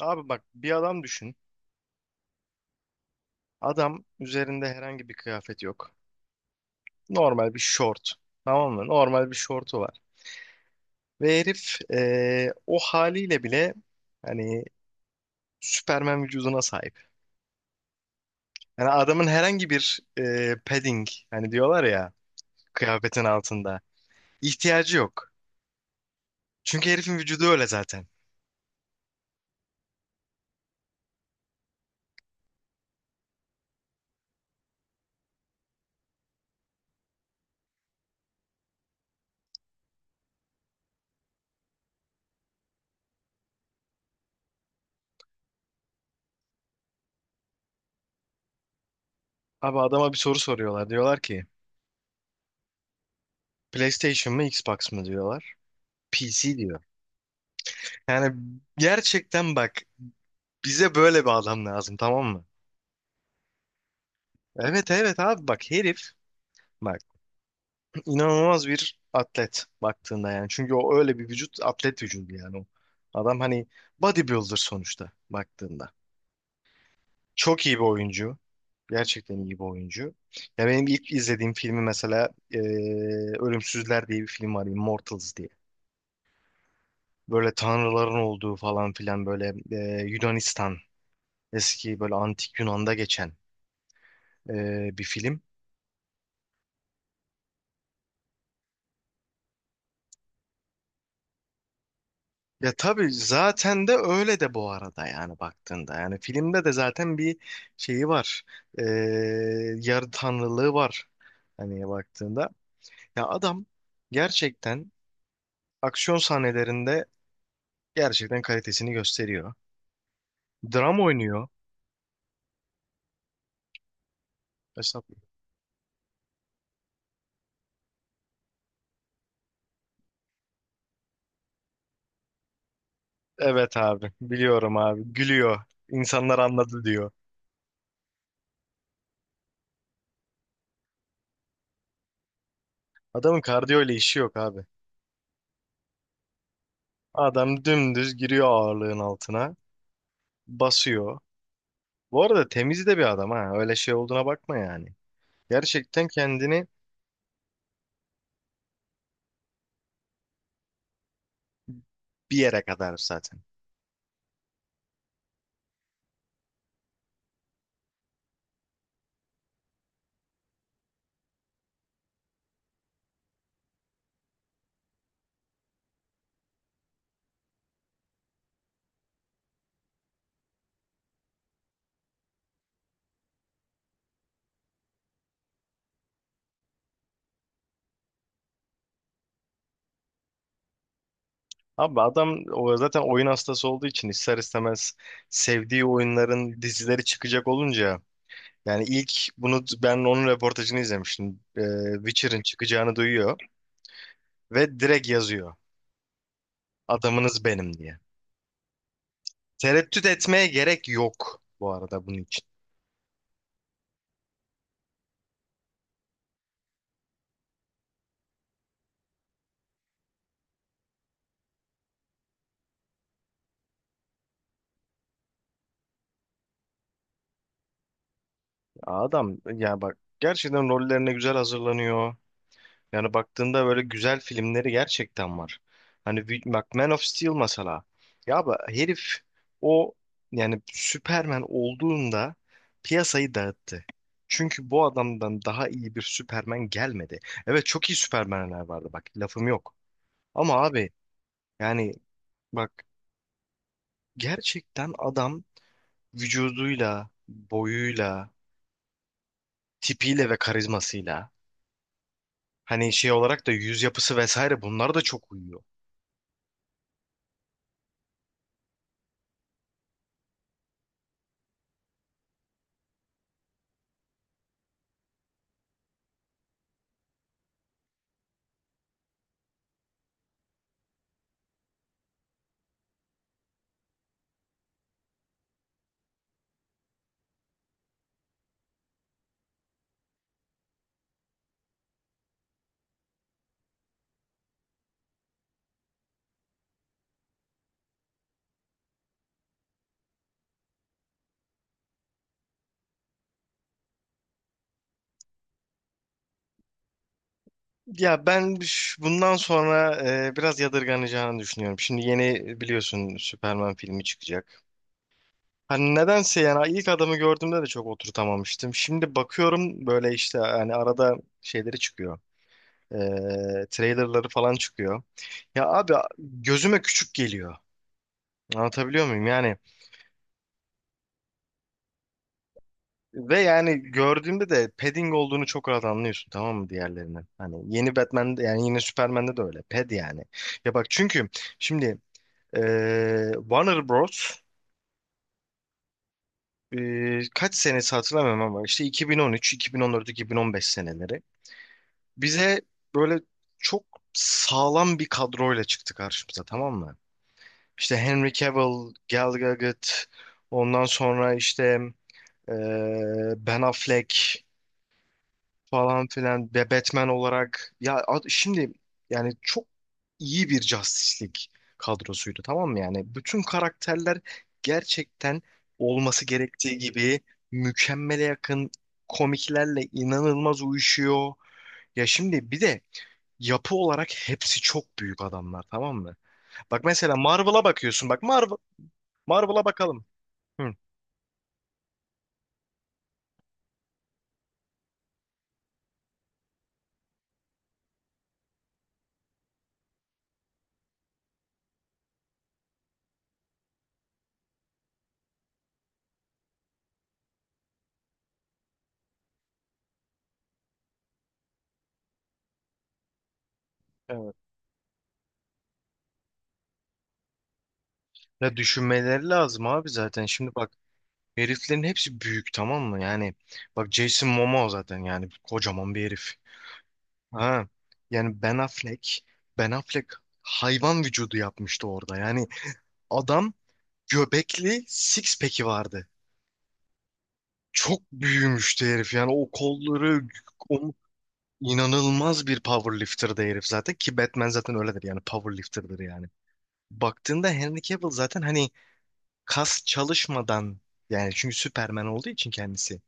Abi bak, bir adam düşün. Adam üzerinde herhangi bir kıyafet yok. Normal bir şort. Tamam mı? Normal bir şortu var. Ve herif o haliyle bile hani Süpermen vücuduna sahip. Yani adamın herhangi bir padding, hani diyorlar ya, kıyafetin altında ihtiyacı yok. Çünkü herifin vücudu öyle zaten. Abi adama bir soru soruyorlar. Diyorlar ki PlayStation mı Xbox mı diyorlar. PC diyor. Yani gerçekten bak, bize böyle bir adam lazım, tamam mı? Evet evet abi, bak herif, bak, inanılmaz bir atlet baktığında yani. Çünkü o öyle bir vücut, atlet vücudu yani o. Adam hani bodybuilder sonuçta baktığında. Çok iyi bir oyuncu. Gerçekten iyi bir oyuncu. Ya benim ilk izlediğim filmi mesela Ölümsüzler diye bir film var. Immortals diye. Böyle tanrıların olduğu falan filan, böyle Yunanistan, eski böyle antik Yunan'da geçen bir film. Ya tabii zaten de öyle de bu arada, yani baktığında. Yani filmde de zaten bir şeyi var. Ee, yarı tanrılığı var. Hani baktığında. Ya adam gerçekten aksiyon sahnelerinde gerçekten kalitesini gösteriyor. Dram oynuyor. Mesela, evet abi biliyorum abi, gülüyor. İnsanlar anladı diyor. Adamın kardiyo ile işi yok abi. Adam dümdüz giriyor ağırlığın altına. Basıyor. Bu arada temiz de bir adam ha. Öyle şey olduğuna bakma yani. Gerçekten kendini bir yere kadar zaten. Abi adam o zaten oyun hastası olduğu için, ister istemez sevdiği oyunların dizileri çıkacak olunca, yani ilk bunu ben onun röportajını izlemiştim. Witcher'ın çıkacağını duyuyor ve direkt yazıyor. Adamınız benim diye. Tereddüt etmeye gerek yok bu arada bunun için. Adam ya bak, gerçekten rollerine güzel hazırlanıyor. Yani baktığında böyle güzel filmleri gerçekten var. Hani bak, Man of Steel mesela. Ya bu herif, o, yani Superman olduğunda piyasayı dağıttı. Çünkü bu adamdan daha iyi bir Superman gelmedi. Evet, çok iyi Superman'ler vardı, bak lafım yok. Ama abi yani bak, gerçekten adam vücuduyla, boyuyla, tipiyle ve karizmasıyla, hani şey olarak da yüz yapısı vesaire, bunlar da çok uyuyor. Ya ben bundan sonra biraz yadırganacağını düşünüyorum. Şimdi yeni biliyorsun, Superman filmi çıkacak. Hani nedense yani ilk adamı gördüğümde de çok oturtamamıştım. Şimdi bakıyorum böyle işte, hani arada şeyleri çıkıyor. Trailerları falan çıkıyor. Ya abi gözüme küçük geliyor. Anlatabiliyor muyum? Yani ve yani gördüğümde de padding olduğunu çok rahat anlıyorsun, tamam mı, diğerlerinin. Hani yeni Batman'de yani, yine Superman'de de öyle. Pad yani. Ya bak, çünkü şimdi Warner Bros. Kaç senesi hatırlamıyorum ama işte 2013, 2014, 2015 seneleri. Bize böyle çok sağlam bir kadroyla çıktı karşımıza, tamam mı? İşte Henry Cavill, Gal Gadot, ondan sonra işte ee, Ben Affleck falan filan ve Batman olarak ya şimdi yani çok iyi bir Justice League kadrosuydu, tamam mı, yani bütün karakterler gerçekten olması gerektiği gibi, mükemmele yakın, komiklerle inanılmaz uyuşuyor. Ya şimdi bir de yapı olarak hepsi çok büyük adamlar, tamam mı? Bak mesela Marvel'a bakıyorsun, bak Marvel Marvel'a bakalım. Hı, evet. Ya düşünmeleri lazım abi zaten. Şimdi bak, heriflerin hepsi büyük, tamam mı? Yani bak, Jason Momoa zaten yani kocaman bir herif. Ha. Yani Ben Affleck hayvan vücudu yapmıştı orada. Yani adam göbekli six pack'i vardı. Çok büyümüştü herif. Yani o kolları, o- inanılmaz bir powerlifter'dı herif zaten, ki Batman zaten öyledir yani, powerlifter'dır yani. Baktığında Henry Cavill zaten hani kas çalışmadan, yani çünkü Superman olduğu için kendisi,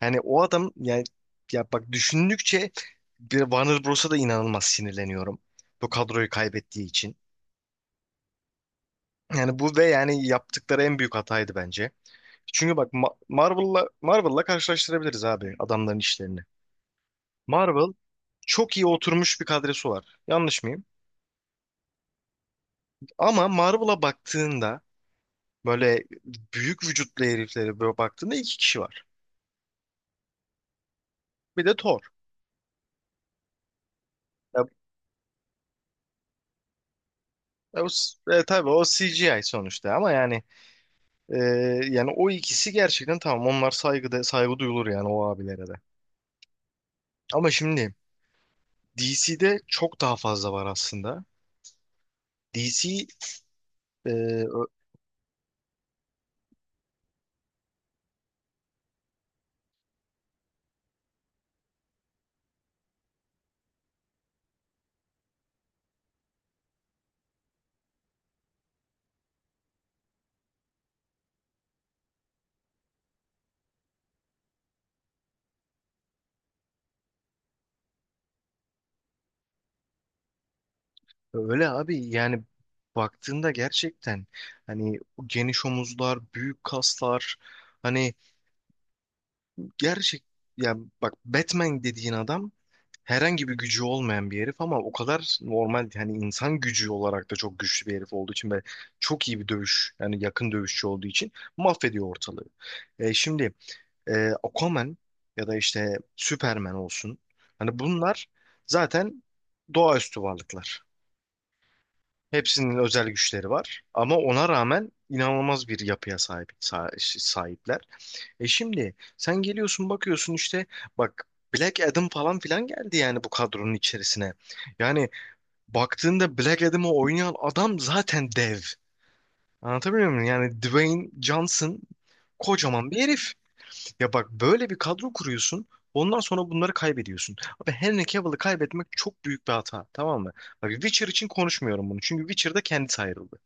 yani o adam yani, ya bak, düşündükçe bir Warner Bros'a da inanılmaz sinirleniyorum. Bu kadroyu kaybettiği için. Yani bu ve yani yaptıkları en büyük hataydı bence. Çünkü bak Marvel'la Marvel'la karşılaştırabiliriz abi adamların işlerini. Marvel çok iyi oturmuş bir kadrosu var. Yanlış mıyım? Ama Marvel'a baktığında böyle büyük vücutlu heriflere böyle baktığında iki kişi var. Bir de Thor. Ya, ya o, tabii o CGI sonuçta, ama yani Ee, yani o ikisi gerçekten tamam. Onlar saygıda, saygı duyulur yani o abilere de. Ama şimdi DC'de çok daha fazla var aslında. DC e, ö- öyle abi yani, baktığında gerçekten hani geniş omuzlar, büyük kaslar, hani gerçek, yani bak Batman dediğin adam herhangi bir gücü olmayan bir herif, ama o kadar normal hani insan gücü olarak da çok güçlü bir herif olduğu için ve çok iyi bir dövüş, yani yakın dövüşçü olduğu için mahvediyor ortalığı. Şimdi e, Aquaman ya da işte Superman olsun, hani bunlar zaten doğaüstü varlıklar. Hepsinin özel güçleri var ama ona rağmen inanılmaz bir yapıya sahip sahipler. E şimdi sen geliyorsun, bakıyorsun işte bak, Black Adam falan filan geldi yani bu kadronun içerisine. Yani baktığında Black Adam'ı oynayan adam zaten dev. Anlatabiliyor muyum? Yani Dwayne Johnson kocaman bir herif. Ya bak, böyle bir kadro kuruyorsun. Ondan sonra bunları kaybediyorsun. Abi Henry Cavill'ı kaybetmek çok büyük bir hata. Tamam mı? Bak, Witcher için konuşmuyorum bunu. Çünkü Witcher'da kendisi ayrıldı.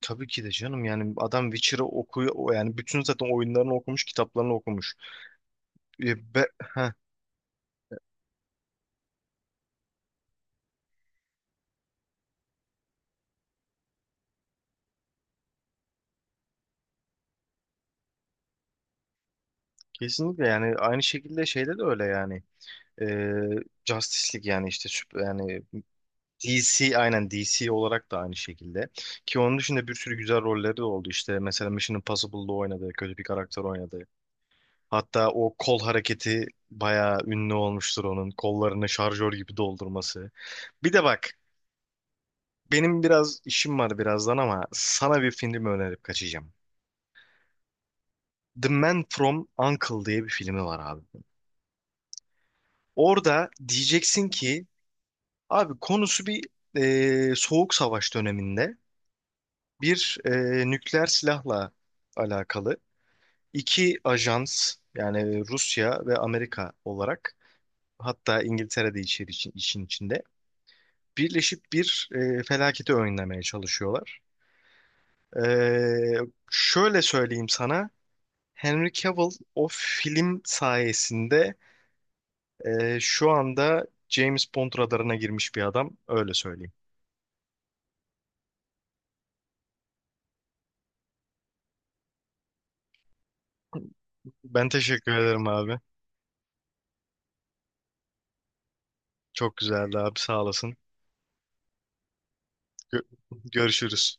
Tabii ki de canım, yani adam Witcher'ı okuyor o, yani bütün zaten oyunlarını okumuş, kitaplarını okumuş. E, be, heh, kesinlikle, yani aynı şekilde şeyde de öyle yani. E, Justice League yani işte yani DC, aynen DC olarak da aynı şekilde. Ki onun dışında bir sürü güzel rolleri de oldu, işte mesela Mission Impossible'da oynadı, kötü bir karakter oynadı. Hatta o kol hareketi bayağı ünlü olmuştur, onun kollarını şarjör gibi doldurması. Bir de bak, benim biraz işim var birazdan, ama sana bir film önerip kaçacağım. The Man from U.N.C.L.E. diye bir filmi var abi. Orada diyeceksin ki abi, konusu bir soğuk savaş döneminde bir nükleer silahla alakalı iki ajans, yani Rusya ve Amerika olarak, hatta İngiltere de işin içinde, birleşip bir felaketi önlemeye çalışıyorlar. E, şöyle söyleyeyim sana. Henry Cavill o film sayesinde şu anda James Bond radarına girmiş bir adam. Öyle söyleyeyim. Ben teşekkür ederim abi. Çok güzeldi abi. Sağ olasın. Gö- görüşürüz.